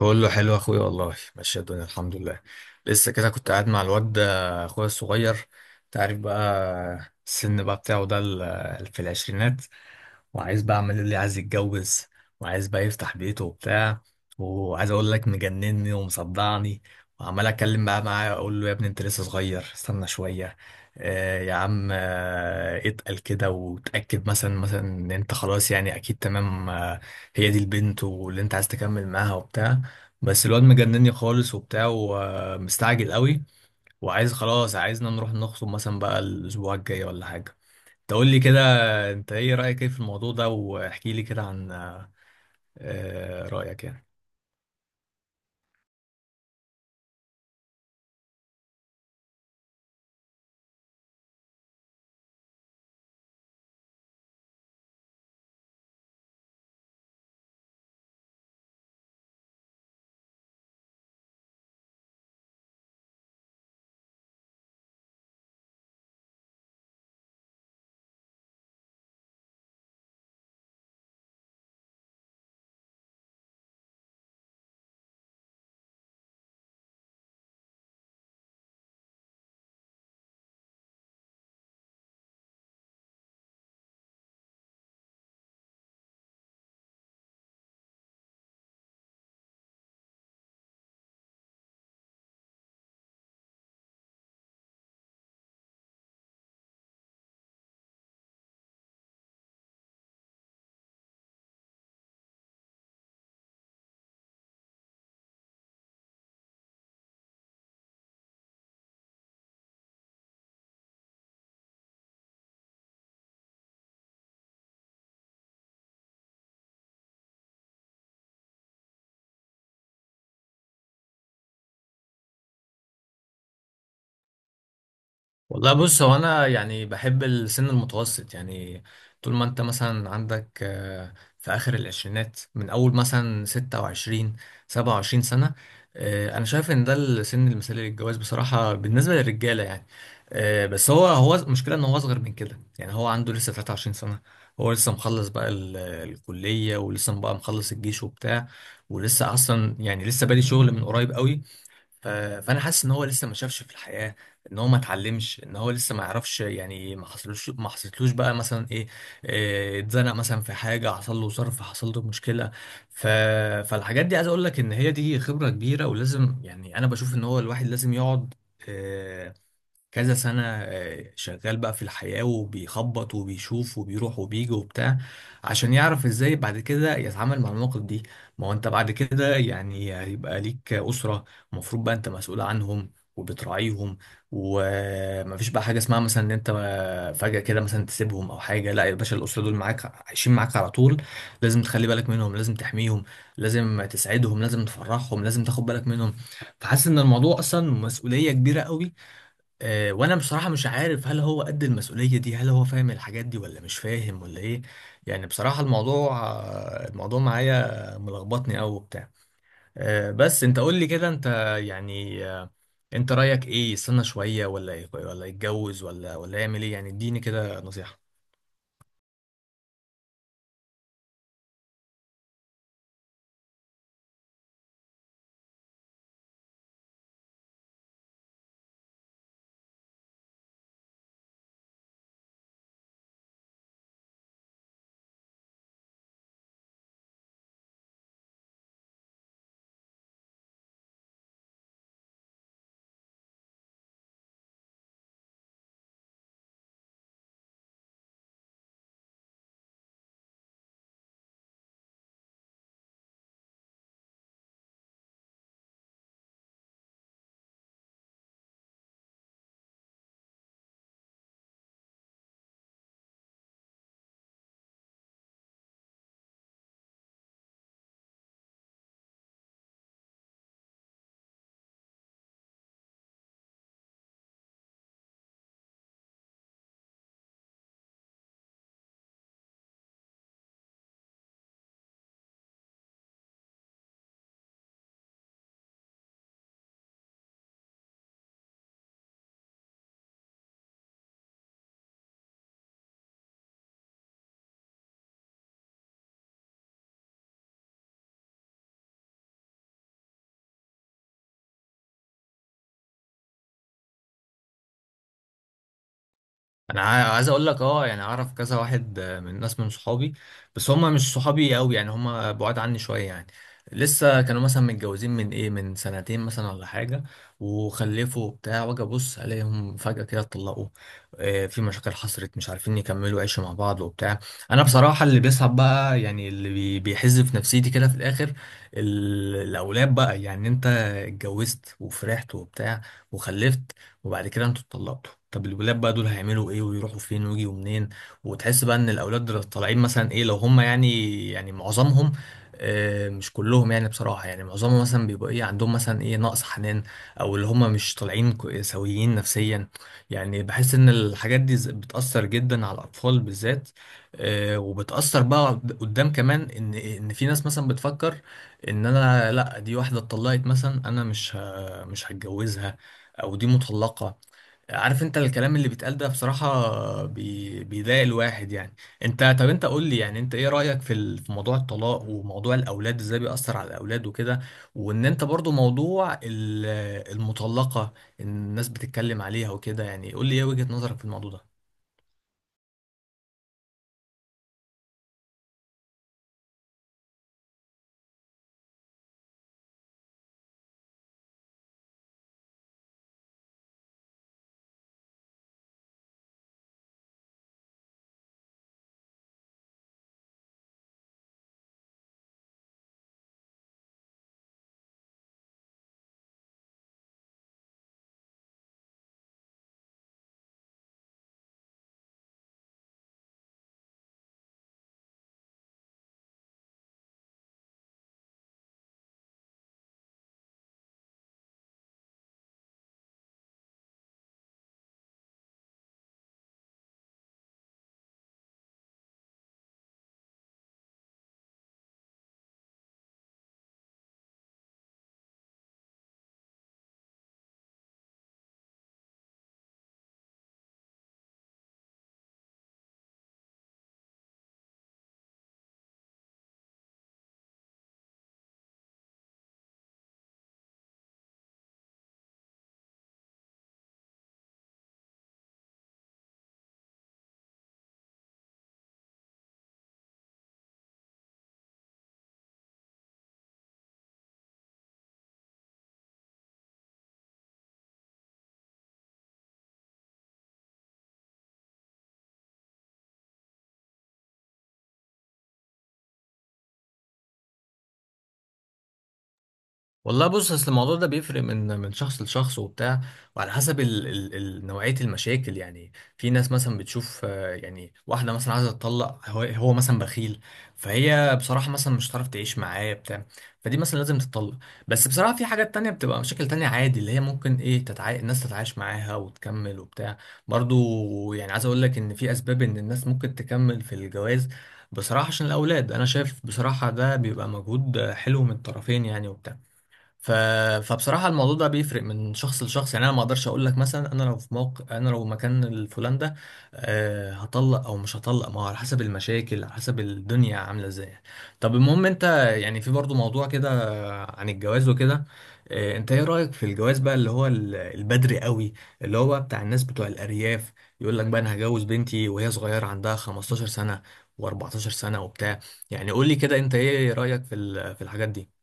بقول له حلو يا اخويا، والله ماشيه الدنيا الحمد لله. لسه كده كنت قاعد مع الواد ده، اخويا الصغير. انت عارف بقى السن بقى بتاعه ده في العشرينات، وعايز بقى، عمال يقول لي عايز يتجوز وعايز بقى يفتح بيته وبتاع. وعايز اقول لك، مجنني ومصدعني. وعمال اتكلم بقى معاه، اقول له يا ابني انت لسه صغير استنى شويه. يا عم، اتقل كده وتاكد، مثلا ان انت خلاص يعني اكيد تمام، هي دي البنت واللي انت عايز تكمل معاها وبتاع. بس الواد مجنني خالص وبتاع، ومستعجل قوي. وعايز خلاص، عايزنا نروح نخطب مثلا بقى الاسبوع الجاي ولا حاجه، تقول لي كده. انت ايه رايك، ايه في الموضوع ده؟ واحكي لي كده عن رايك يعني. والله بص، هو انا يعني بحب السن المتوسط يعني، طول ما انت مثلا عندك في اخر العشرينات، من اول مثلا 26 27 سنة. انا شايف ان ده السن المثالي للجواز بصراحة، بالنسبة للرجالة يعني. بس هو المشكلة ان هو اصغر من كده، يعني هو عنده لسه 23 سنة. هو لسه مخلص بقى الكلية، ولسه بقى مخلص الجيش وبتاع، ولسه اصلا يعني لسه بادئ شغل من قريب قوي. ف- فانا حاسس ان هو لسه ما شافش في الحياه، ان هو ما اتعلمش، ان هو لسه ما يعرفش يعني، ما حصلوش، ما حصلتلوش بقى مثلا ايه، اتزنق مثلا في حاجه، حصل له ظرف، حصل له مشكله. ف... فالحاجات دي عايز اقول لك ان هي دي خبره كبيره، ولازم يعني انا بشوف ان هو الواحد لازم يقعد آه، كذا سنة شغال بقى في الحياة، وبيخبط وبيشوف وبيروح وبيجي وبتاع، عشان يعرف ازاي بعد كده يتعامل مع المواقف دي. ما هو انت بعد كده يعني هيبقى ليك أسرة، المفروض بقى انت مسؤول عنهم وبتراعيهم، ومفيش بقى حاجة اسمها مثلا ان انت فجأة كده مثلا تسيبهم او حاجة. لا يا باشا، الأسرة دول معاك، عايشين معاك على طول. لازم تخلي بالك منهم، لازم تحميهم، لازم تسعدهم، لازم تفرحهم، لازم تاخد بالك منهم. فحاسس ان الموضوع اصلا مسؤولية كبيرة قوي. وانا بصراحة مش عارف هل هو قد المسؤولية دي، هل هو فاهم الحاجات دي ولا مش فاهم ولا ايه. يعني بصراحة الموضوع، الموضوع معايا ملخبطني قوي وبتاع. بس انت قول لي كده، انت يعني انت رأيك ايه؟ يستنى شوية ولا يتجوز ولا يعمل ايه يعني؟ اديني كده نصيحة. انا عايز اقول لك، اه يعني اعرف كذا واحد من ناس من صحابي، بس هم مش صحابي قوي يعني، هم بعاد عني شويه يعني. لسه كانوا مثلا متجوزين من ايه، من سنتين مثلا ولا حاجه، وخلفوا بتاع واجي ابص الاقيهم فجاه كده اتطلقوا. في مشاكل حصلت، مش عارفين يكملوا عيش مع بعض وبتاع. انا بصراحه اللي بيصعب بقى يعني، اللي بيحز في نفسيتي كده في الاخر، الاولاد بقى يعني. انت اتجوزت وفرحت وبتاع، وخلفت، وبعد كده انتوا اتطلقتوا. طب الولاد بقى دول هيعملوا ايه، ويروحوا فين، ويجوا منين؟ وتحس بقى ان الاولاد دول طالعين مثلا ايه، لو هم يعني، يعني معظمهم، مش كلهم يعني بصراحة، يعني معظمهم مثلا بيبقى ايه، عندهم مثلا ايه نقص حنان، او اللي هم مش طالعين سويين نفسيا. يعني بحس ان الحاجات دي بتأثر جدا على الاطفال بالذات. وبتأثر بقى قدام كمان، ان في ناس مثلا بتفكر ان انا لا، دي واحدة اتطلقت مثلا، انا مش هتجوزها، او دي مطلقة. عارف انت الكلام اللي بيتقال ده بصراحة بيضايق الواحد يعني. انت، طب انت قول لي يعني، انت ايه رأيك في في موضوع الطلاق، وموضوع الاولاد ازاي بيأثر على الاولاد وكده؟ وان انت برضو موضوع المطلقة، الناس بتتكلم عليها وكده يعني، قول لي ايه وجهة نظرك في الموضوع ده. والله بص، اصل الموضوع ده بيفرق من من شخص لشخص وبتاع، وعلى حسب ال نوعية المشاكل. يعني في ناس مثلا بتشوف يعني واحدة مثلا عايزة تطلق، هو مثلا بخيل، فهي بصراحة مثلا مش هتعرف تعيش معاه بتاع فدي مثلا لازم تطلق. بس بصراحة في حاجات تانية، بتبقى مشاكل تانية عادي، اللي هي ممكن ايه الناس تتعايش معاها وتكمل وبتاع. برضو يعني عايز اقول لك ان في اسباب ان الناس ممكن تكمل في الجواز بصراحة، عشان الأولاد. أنا شايف بصراحة ده بيبقى مجهود حلو من الطرفين يعني وبتاع. ف... فبصراحة الموضوع ده بيفرق من شخص لشخص يعني، أنا ما أقدرش أقول لك مثلا أنا لو في موقع، أنا لو مكان الفلان ده أه هطلق أو مش هطلق. ما هو على حسب المشاكل، على حسب الدنيا عاملة إزاي. طب المهم، أنت يعني في برضو موضوع كده عن الجواز وكده. أه أنت إيه رأيك في الجواز بقى اللي هو البدري قوي، اللي هو بقى بتاع الناس بتوع الأرياف، يقول لك بقى أنا هجوز بنتي وهي صغيرة، عندها 15 سنة و14 سنة وبتاع؟ يعني قول لي كده، أنت إيه رأيك في في الحاجات دي؟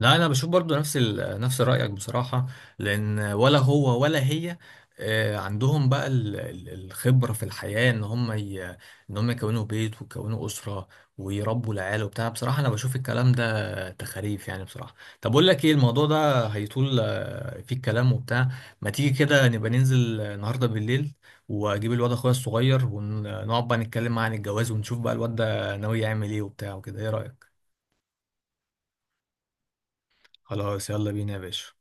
لا انا بشوف برضو نفس نفس رايك بصراحه، لان ولا هو ولا هي عندهم بقى الخبره في الحياه ان هم ان هم يكونوا بيت، ويكونوا اسره، ويربوا العيال وبتاع. بصراحه انا بشوف الكلام ده تخاريف يعني بصراحه. طب اقول لك ايه، الموضوع ده هيطول فيه الكلام وبتاع. ما تيجي كده نبقى ننزل النهارده بالليل، واجيب الواد اخويا الصغير، ونقعد بقى نتكلم معاه عن الجواز، ونشوف بقى الواد ده ناوي يعمل ايه وبتاع وكده، ايه رايك؟ خلاص يلا بينا يا باشا.